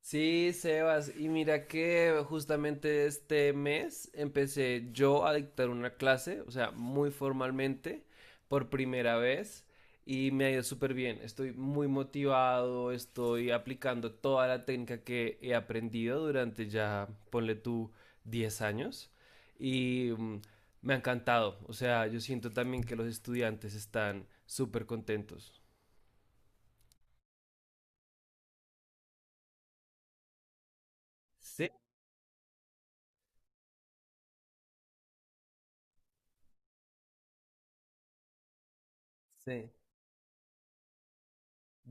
Sí, Sebas, y mira que justamente este mes empecé yo a dictar una clase, o sea, muy formalmente, por primera vez, y me ha ido súper bien. Estoy muy motivado, estoy aplicando toda la técnica que he aprendido durante ya, ponle tú, 10 años, y me ha encantado. O sea, yo siento también que los estudiantes están súper contentos. Sí, sí.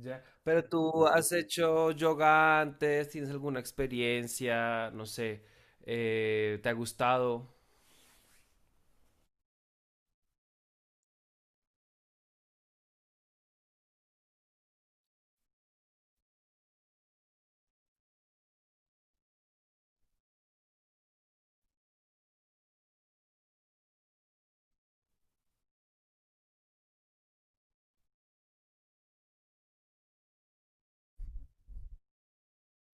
Ya. Pero tú has hecho yoga antes, ¿tienes alguna experiencia? No sé, ¿te ha gustado?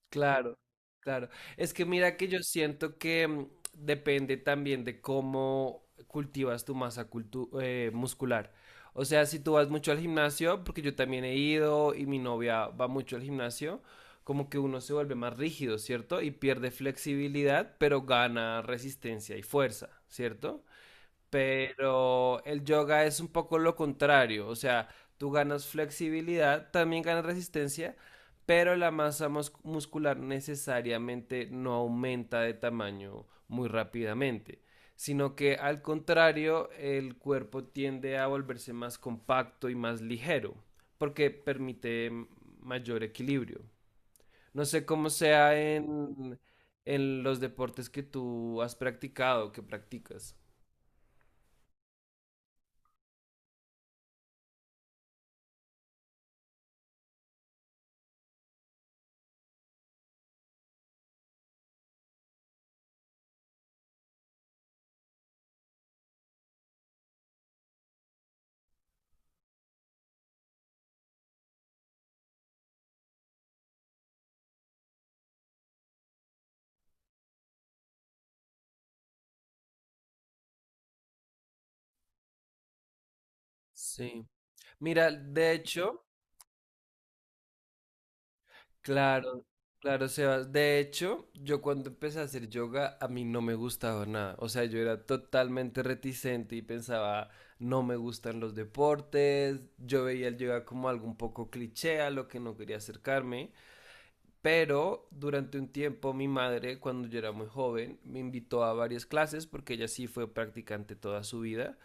Claro, claro. Es que mira que yo siento que depende también de cómo cultivas tu masa muscular. O sea, si tú vas mucho al gimnasio, porque yo también he ido y mi novia va mucho al gimnasio, como que uno se vuelve más rígido, ¿cierto? Y pierde flexibilidad, pero gana resistencia y fuerza, ¿cierto? Pero el yoga es un poco lo contrario, o sea, tú ganas flexibilidad, también ganas resistencia, pero la masa muscular necesariamente no aumenta de tamaño muy rápidamente, sino que al contrario, el cuerpo tiende a volverse más compacto y más ligero, porque permite mayor equilibrio. No sé cómo sea en los deportes que tú has practicado, que practicas. Sí. Mira, de hecho, claro, claro, Sebas. De hecho, yo cuando empecé a hacer yoga, a mí no me gustaba nada. O sea, yo era totalmente reticente y pensaba, no me gustan los deportes. Yo veía el yoga como algo un poco cliché, a lo que no quería acercarme. Pero durante un tiempo, mi madre, cuando yo era muy joven, me invitó a varias clases porque ella sí fue practicante toda su vida.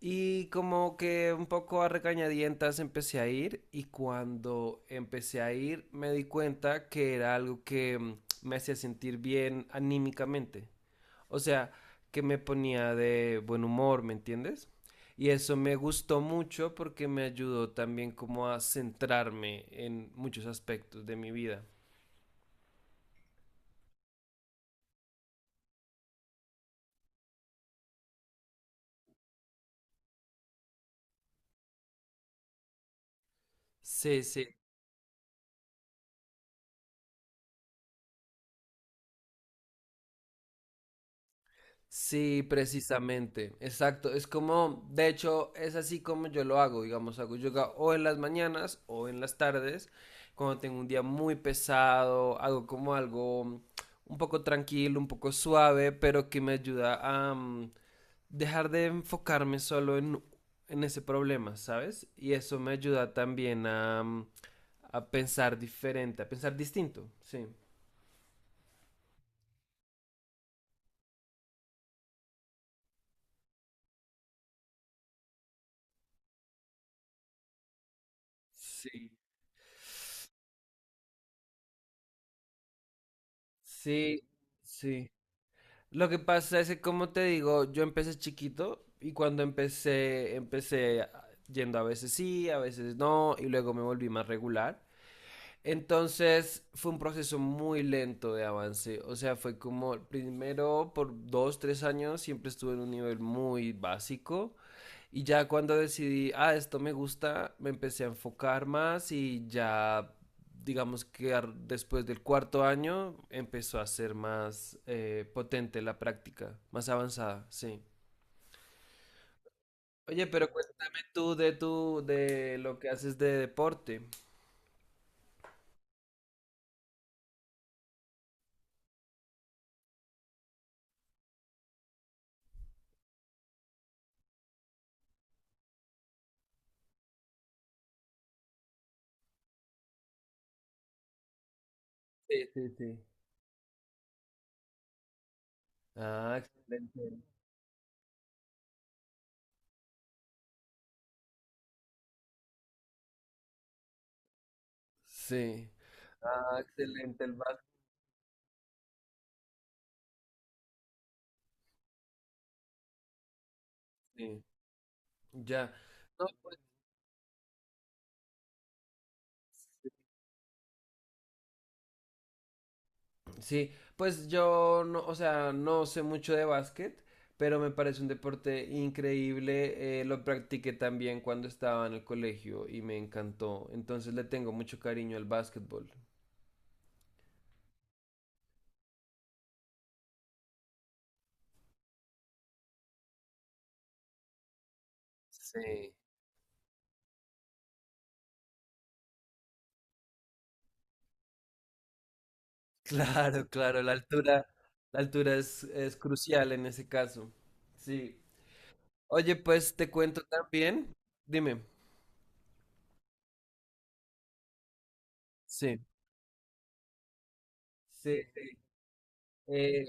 Y como que un poco a regañadientas empecé a ir y cuando empecé a ir me di cuenta que era algo que me hacía sentir bien anímicamente. O sea, que me ponía de buen humor, ¿me entiendes? Y eso me gustó mucho porque me ayudó también como a centrarme en muchos aspectos de mi vida. Sí, sí, sí, precisamente, exacto. Es como, de hecho, es así como yo lo hago, digamos, hago yoga o en las mañanas o en las tardes, cuando tengo un día muy pesado, hago como algo un poco tranquilo, un poco suave, pero que me ayuda a dejar de enfocarme solo en ese problema, ¿sabes? Y eso me ayuda también a pensar diferente, a pensar distinto, sí. Sí. Sí, sí. Lo que pasa es que, como te digo, yo empecé chiquito y cuando empecé yendo a veces sí, a veces no, y luego me volví más regular. Entonces fue un proceso muy lento de avance, o sea, fue como primero por 2, 3 años siempre estuve en un nivel muy básico y ya cuando decidí, ah, esto me gusta, me empecé a enfocar más y ya, digamos que después del cuarto año empezó a ser más potente la práctica, más avanzada, sí. Oye, pero cuéntame tú de tu, de lo que haces de deporte. Sí, sí, sí. Ah, excelente. Sí. Ah, excelente el básquet. Sí. Ya. No, sí, pues yo no, o sea, no sé mucho de básquet, pero me parece un deporte increíble. Lo practiqué también cuando estaba en el colegio y me encantó. Entonces le tengo mucho cariño al básquetbol. Sí, claro, claro, la altura es crucial en ese caso. Sí. Oye, pues te cuento también. Dime. Sí. Sí, sí. Eh,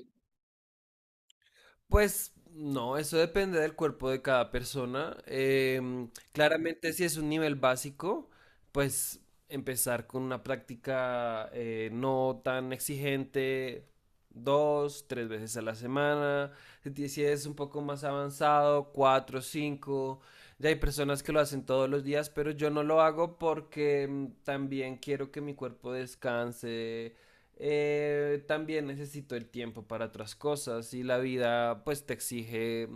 Pues no, eso depende del cuerpo de cada persona. Claramente si es un nivel básico, pues empezar con una práctica no tan exigente, 2, 3 veces a la semana. Si ti- si es un poco más avanzado, cuatro, cinco. Ya hay personas que lo hacen todos los días, pero yo no lo hago porque también quiero que mi cuerpo descanse también necesito el tiempo para otras cosas y la vida pues te exige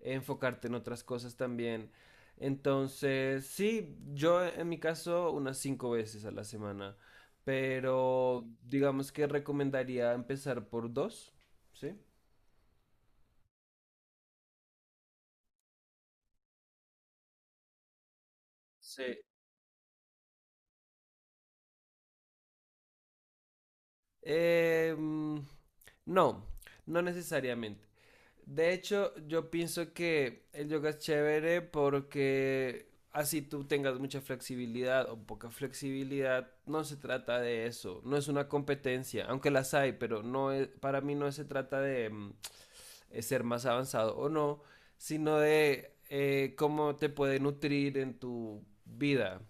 enfocarte en otras cosas también. Entonces, sí, yo en mi caso unas 5 veces a la semana, pero digamos que recomendaría empezar por dos, ¿sí? Sí. Eh, mm, no, no necesariamente. De hecho, yo pienso que el yoga es chévere porque así tú tengas mucha flexibilidad o poca flexibilidad, no se trata de eso, no es una competencia, aunque las hay, pero no es, para mí no se trata de ser más avanzado o no, sino de cómo te puede nutrir en tu vida,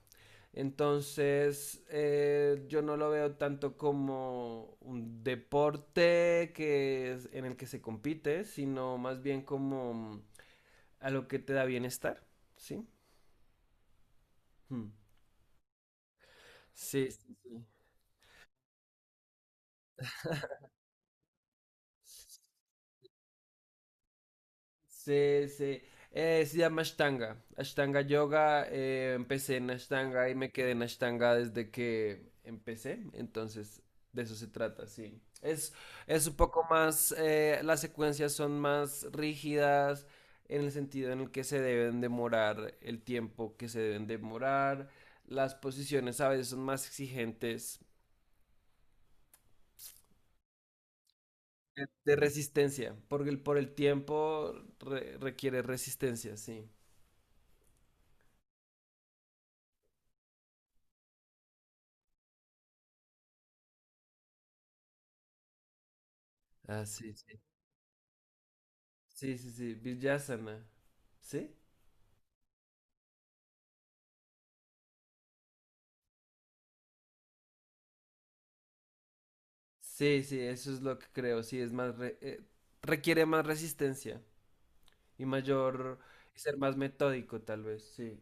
entonces, yo no lo veo tanto como un deporte que en el que se compite, sino más bien como a lo que te da bienestar, ¿sí? Hmm. Sí, sí, sí. Sí, sí. Se llama Ashtanga. Ashtanga Yoga. Empecé en Ashtanga y me quedé en Ashtanga desde que empecé. Entonces, de eso se trata, sí. Es un poco más, las secuencias son más rígidas en el sentido en el que se deben demorar el tiempo que se deben demorar. Las posiciones a veces son más exigentes de resistencia, porque por el tiempo requiere resistencia, sí. Así sí, sí, sí, Vijasana. ¿Sí? Sí, sí, eso es lo que creo, sí, es más, requiere más resistencia y mayor, y ser más metódico tal vez, sí.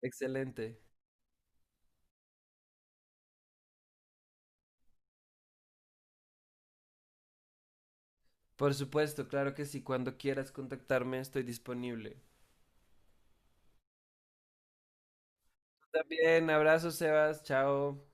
Excelente. Por supuesto, claro que sí, cuando quieras contactarme estoy disponible. También, abrazo, Sebas, chao.